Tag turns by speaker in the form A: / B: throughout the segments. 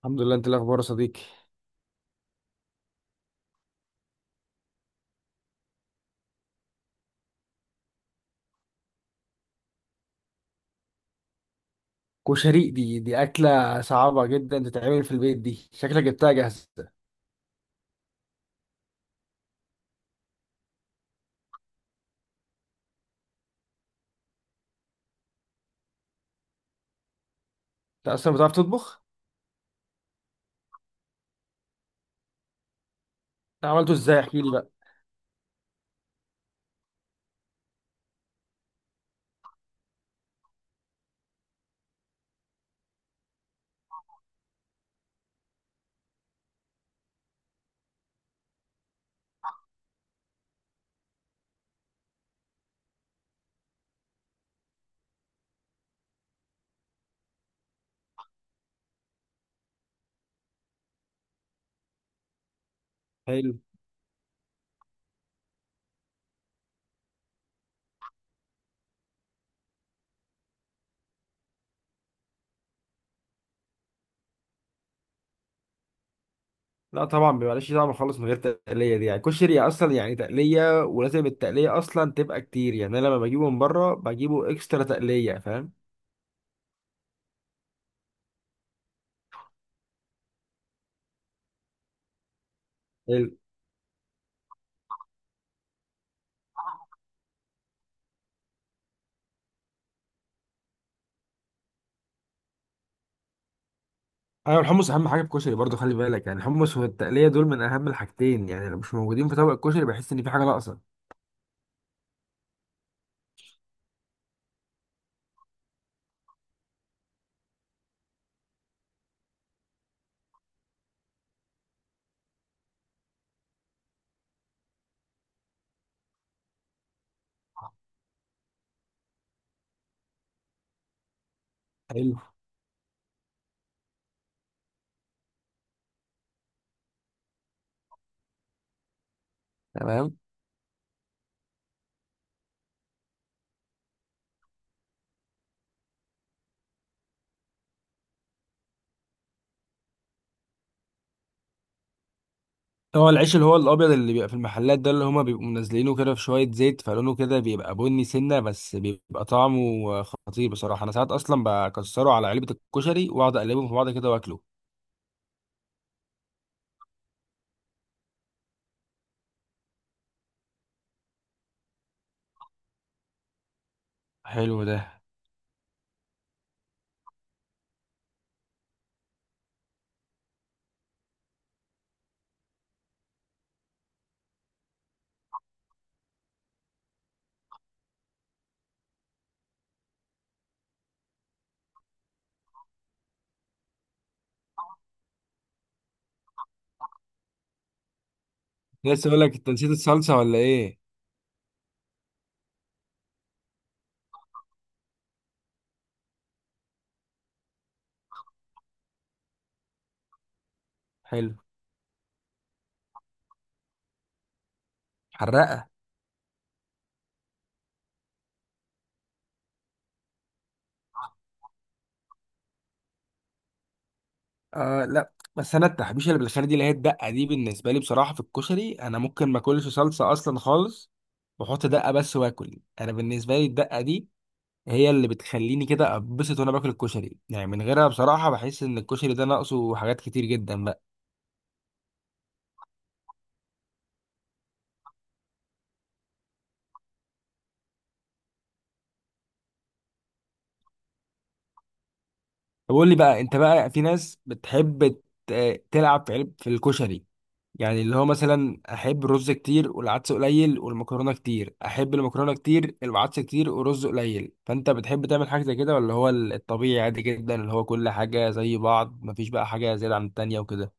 A: الحمد لله، انت إيه الاخبار يا صديقي؟ كشري دي اكله صعبه جدا تتعمل في البيت. دي شكلك جبتها جاهزه. انت اصلا بتعرف تطبخ؟ انت عملته ازاي؟ احكي لي بقى. حلو. لا طبعا بيبقاش طعم خالص من غير تقليه، دي يعني كشري اصلا يعني تقليه، ولازم التقليه اصلا تبقى كتير. يعني انا لما بجيبه من بره بجيبه اكسترا تقليه، فاهم؟ حلو. ايوه، الحمص اهم حاجه في الكشري برضه، خلي بالك يعني الحمص والتقليه دول من اهم الحاجتين. يعني لو مش موجودين في طبق الكشري بحس ان في حاجه ناقصه. حلو. تمام. هو العيش اللي هو الابيض اللي بيبقى في المحلات ده، اللي هما بيبقوا منزلينه كده في شويه زيت، فلونه كده بيبقى بني سنه، بس بيبقى طعمه خطير بصراحه. انا ساعات اصلا بكسره على علبه الكشري واقعد اقلبهم في بعض كده واكله. حلو ده. لسه اقول لك انت نسيت الصلصه ولا ايه؟ حلو. حرقه. آه، لا، بس انا التحبيشه اللي بالخير دي، اللي هي الدقه دي، بالنسبه لي بصراحه في الكشري انا ممكن ما اكلش صلصه اصلا خالص واحط دقه بس واكل. انا بالنسبه لي الدقه دي هي اللي بتخليني كده اتبسط وانا باكل الكشري. يعني من غيرها بصراحه بحس ان الكشري ده ناقصه حاجات كتير جدا بقى. طب قول لي بقى، انت بقى في ناس بتحب تلعب في علب في الكشري؟ يعني اللي هو مثلا احب الرز كتير والعدس قليل والمكرونه كتير، احب المكرونه كتير العدس كتير ورز قليل، فانت بتحب تعمل حاجه زي كده ولا هو الطبيعي عادي جدا اللي هو كل حاجه زي بعض، مفيش بقى حاجه زياده عن التانيه وكده؟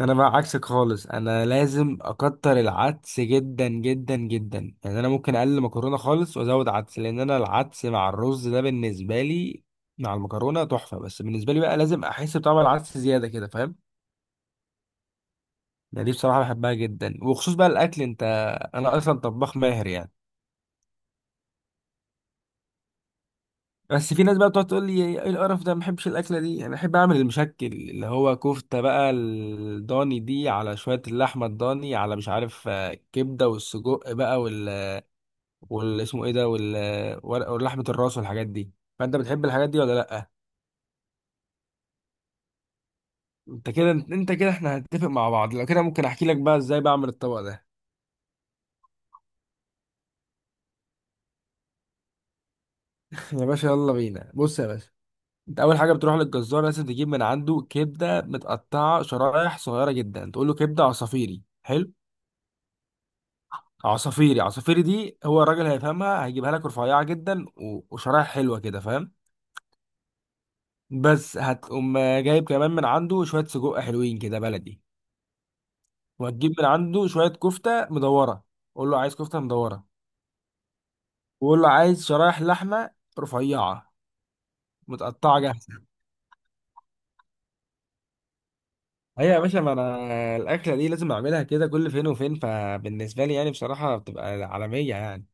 A: انا بقى عكسك خالص، انا لازم اكتر العدس جدا جدا جدا. يعني انا ممكن اقلل مكرونه خالص وازود عدس، لان انا العدس مع الرز ده بالنسبه لي مع المكرونه تحفه، بس بالنسبه لي بقى لازم احس بطعم العدس زياده كده، فاهم؟ يعني دي بصراحه بحبها جدا. وخصوص بقى الاكل، انت انا اصلا طباخ ماهر يعني. بس في ناس بقى بتقعد تقول لي ايه القرف ده، ما بحبش الاكله دي. انا احب اعمل المشكل اللي هو كفته بقى الضاني دي على شويه اللحمه الضاني، على مش عارف كبده والسجق بقى، والاسمه ايه ده ولحمه الراس والحاجات دي، فانت بتحب الحاجات دي ولا لا؟ انت كده، انت كده احنا هنتفق مع بعض. لو كده ممكن احكي لك بقى ازاي بعمل الطبق ده. يا باشا يلا بينا، بص يا باشا. انت اول حاجه بتروح للجزار، لازم تجيب من عنده كبده متقطعه شرايح صغيره جدا، تقول له كبده عصافيري. حلو. عصافيري، عصافيري دي هو الراجل هيفهمها، هيجيبها لك رفيعه جدا وشرايح حلوه كده، فاهم؟ بس هتقوم جايب كمان من عنده شويه سجق حلوين كده بلدي. وهتجيب من عنده شوية كفتة مدورة، قول له عايز كفتة مدورة. وقول له عايز شرايح لحمة رفيعة متقطعة جاهزة. أيوة يا باشا، ما أنا الأكلة دي لازم أعملها كده كل فين وفين، فبالنسبة لي يعني بصراحة بتبقى عالمية يعني.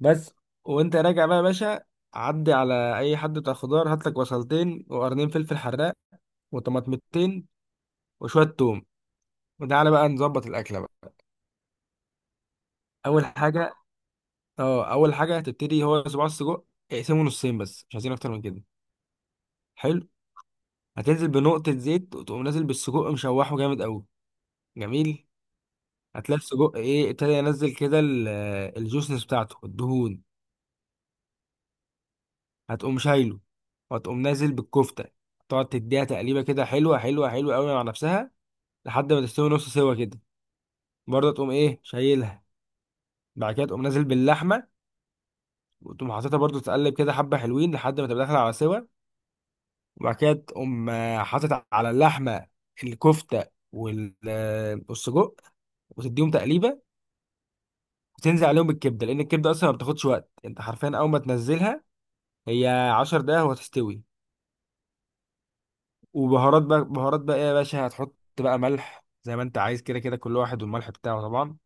A: بس وأنت راجع بقى يا باشا، عدي على أي حد بتاع خضار، هات لك بصلتين وقرنين فلفل حراق، وطماطمتين وشوية توم، وتعالى بقى نظبط الأكلة بقى. أول حاجة، أه أول حاجة هتبتدي هو صباع السجق، اقسمه نصين بس مش عايزين أكتر من كده. حلو. هتنزل بنقطة زيت وتقوم نازل بالسجق، مشوحه جامد قوي. جميل. هتلاقي السجق ايه ابتدى ينزل كده الجوسنس بتاعته، الدهون. هتقوم شايله وهتقوم نازل بالكفتة، تقعد تديها تقليبة كده حلوة حلوة حلوة قوي مع نفسها لحد ما تستوي نص سوا كده. برضه تقوم ايه شايلها. بعد كده تقوم نازل باللحمة، وتقوم حاططها برضه تقلب كده حبة حلوين لحد ما تبقى داخلة على سوا. وبعد كده تقوم حاطط على اللحمة الكفتة وال- آه، والسجق، وتديهم تقليبة. بتنزل عليهم الكبده، لان الكبده اصلا ما بتاخدش وقت. انت حرفيا اول ما تنزلها هي 10 دقايق وهتستوي. وبهارات بقى، بهارات بقى ايه يا باشا هتحط؟ بقى ملح زي ما انت عايز، كده كده كل واحد والملح بتاعه طبعا.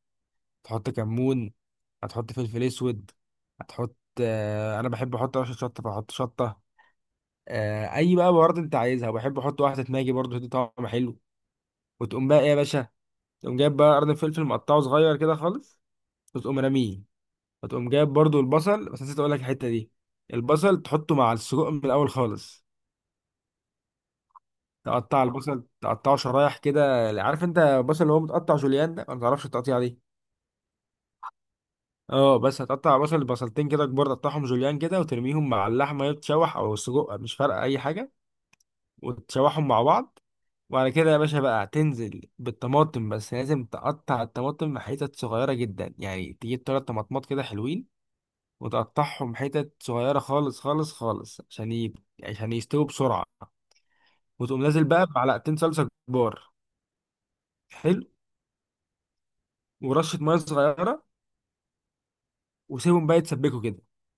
A: تحط كمون، هتحط فلفل اسود، هتحط، آه انا بحب احط رشه شطه فاحط شطه، آه اي بقى بهارات انت عايزها. وبحب احط واحده ماجي برضه، تدي طعم حلو. وتقوم بقى ايه يا باشا؟ تقوم جايب بقى قرن فلفل مقطعه صغير كده خالص، وتقوم راميه. فتقوم جايب برضو البصل، بس نسيت اقول لك الحته دي، البصل تحطه مع السجق من الاول خالص. تقطع البصل تقطعه شرايح كده، عارف انت البصل اللي هو متقطع جوليان ده؟ ما تعرفش التقطيع دي؟ اه، بس هتقطع بصل بصلتين كده كبار، تقطعهم جوليان كده وترميهم مع اللحمه اللي بتتشوح او السجق، مش فارقه اي حاجه، وتشوحهم مع بعض. وبعد كده يا باشا بقى هتنزل بالطماطم، بس لازم تقطع الطماطم حتت صغيره جدا. يعني تجيب تلات طماطمات كده حلوين وتقطعهم حتت صغيرة خالص خالص خالص عشان عشان يستووا بسرعة. وتقوم نازل بقى بمعلقتين صلصة كبار. حلو. ورشة مية صغيرة. وسيبهم بقى يتسبكوا كده،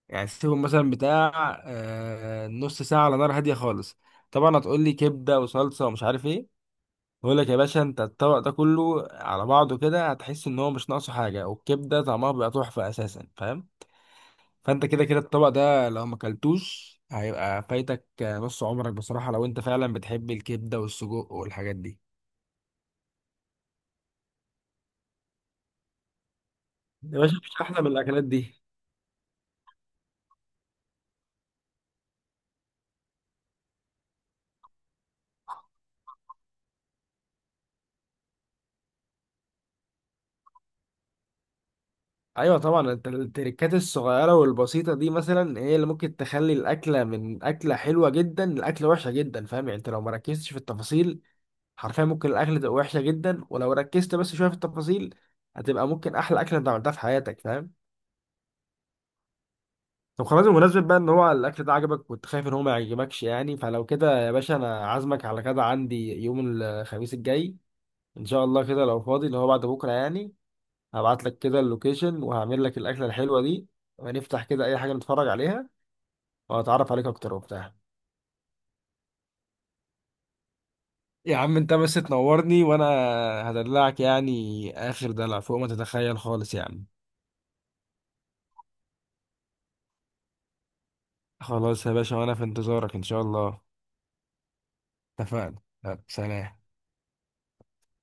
A: يعني سيبهم مثلا بتاع نص ساعة على نار هادية خالص. طبعا هتقول لي كبدة وصلصة ومش عارف ايه. بقول لك يا باشا انت الطبق ده كله على بعضه كده هتحس ان هو مش ناقصه حاجة، والكبدة طعمها بيبقى تحفة اساسا، فاهم؟ فانت كده كده الطبق ده لو ما اكلتوش هيبقى فايتك نص عمرك بصراحة، لو انت فعلا بتحب الكبدة والسجق والحاجات دي. يا باشا مفيش احلى من الاكلات دي. ايوه طبعا، انت التركات الصغيرة والبسيطة دي مثلا هي اللي ممكن تخلي الاكلة من اكلة حلوة جدا لاكلة وحشة جدا، فاهم؟ يعني انت لو ما ركزتش في التفاصيل حرفيا ممكن الاكلة تبقى وحشة جدا، ولو ركزت بس شوية في التفاصيل هتبقى ممكن احلى اكلة انت عملتها في حياتك، فاهم؟ طب خلاص، بمناسبة بقى ان هو الاكل ده عجبك، كنت خايف ان هو ما يعجبكش يعني. فلو كده يا باشا انا عازمك على كده عندي يوم الخميس الجاي ان شاء الله، كده لو فاضي، اللي هو بعد بكرة يعني. هبعت لك كده اللوكيشن وهعمل لك الاكلة الحلوة دي، ونفتح كده اي حاجة نتفرج عليها، وهتعرف عليك اكتر وبتاع. يا عم انت بس تنورني وانا هدلعك يعني اخر دلع فوق ما تتخيل خالص يعني. خلاص يا باشا، وانا في انتظارك ان شاء الله. اتفقنا، يلا، سلام.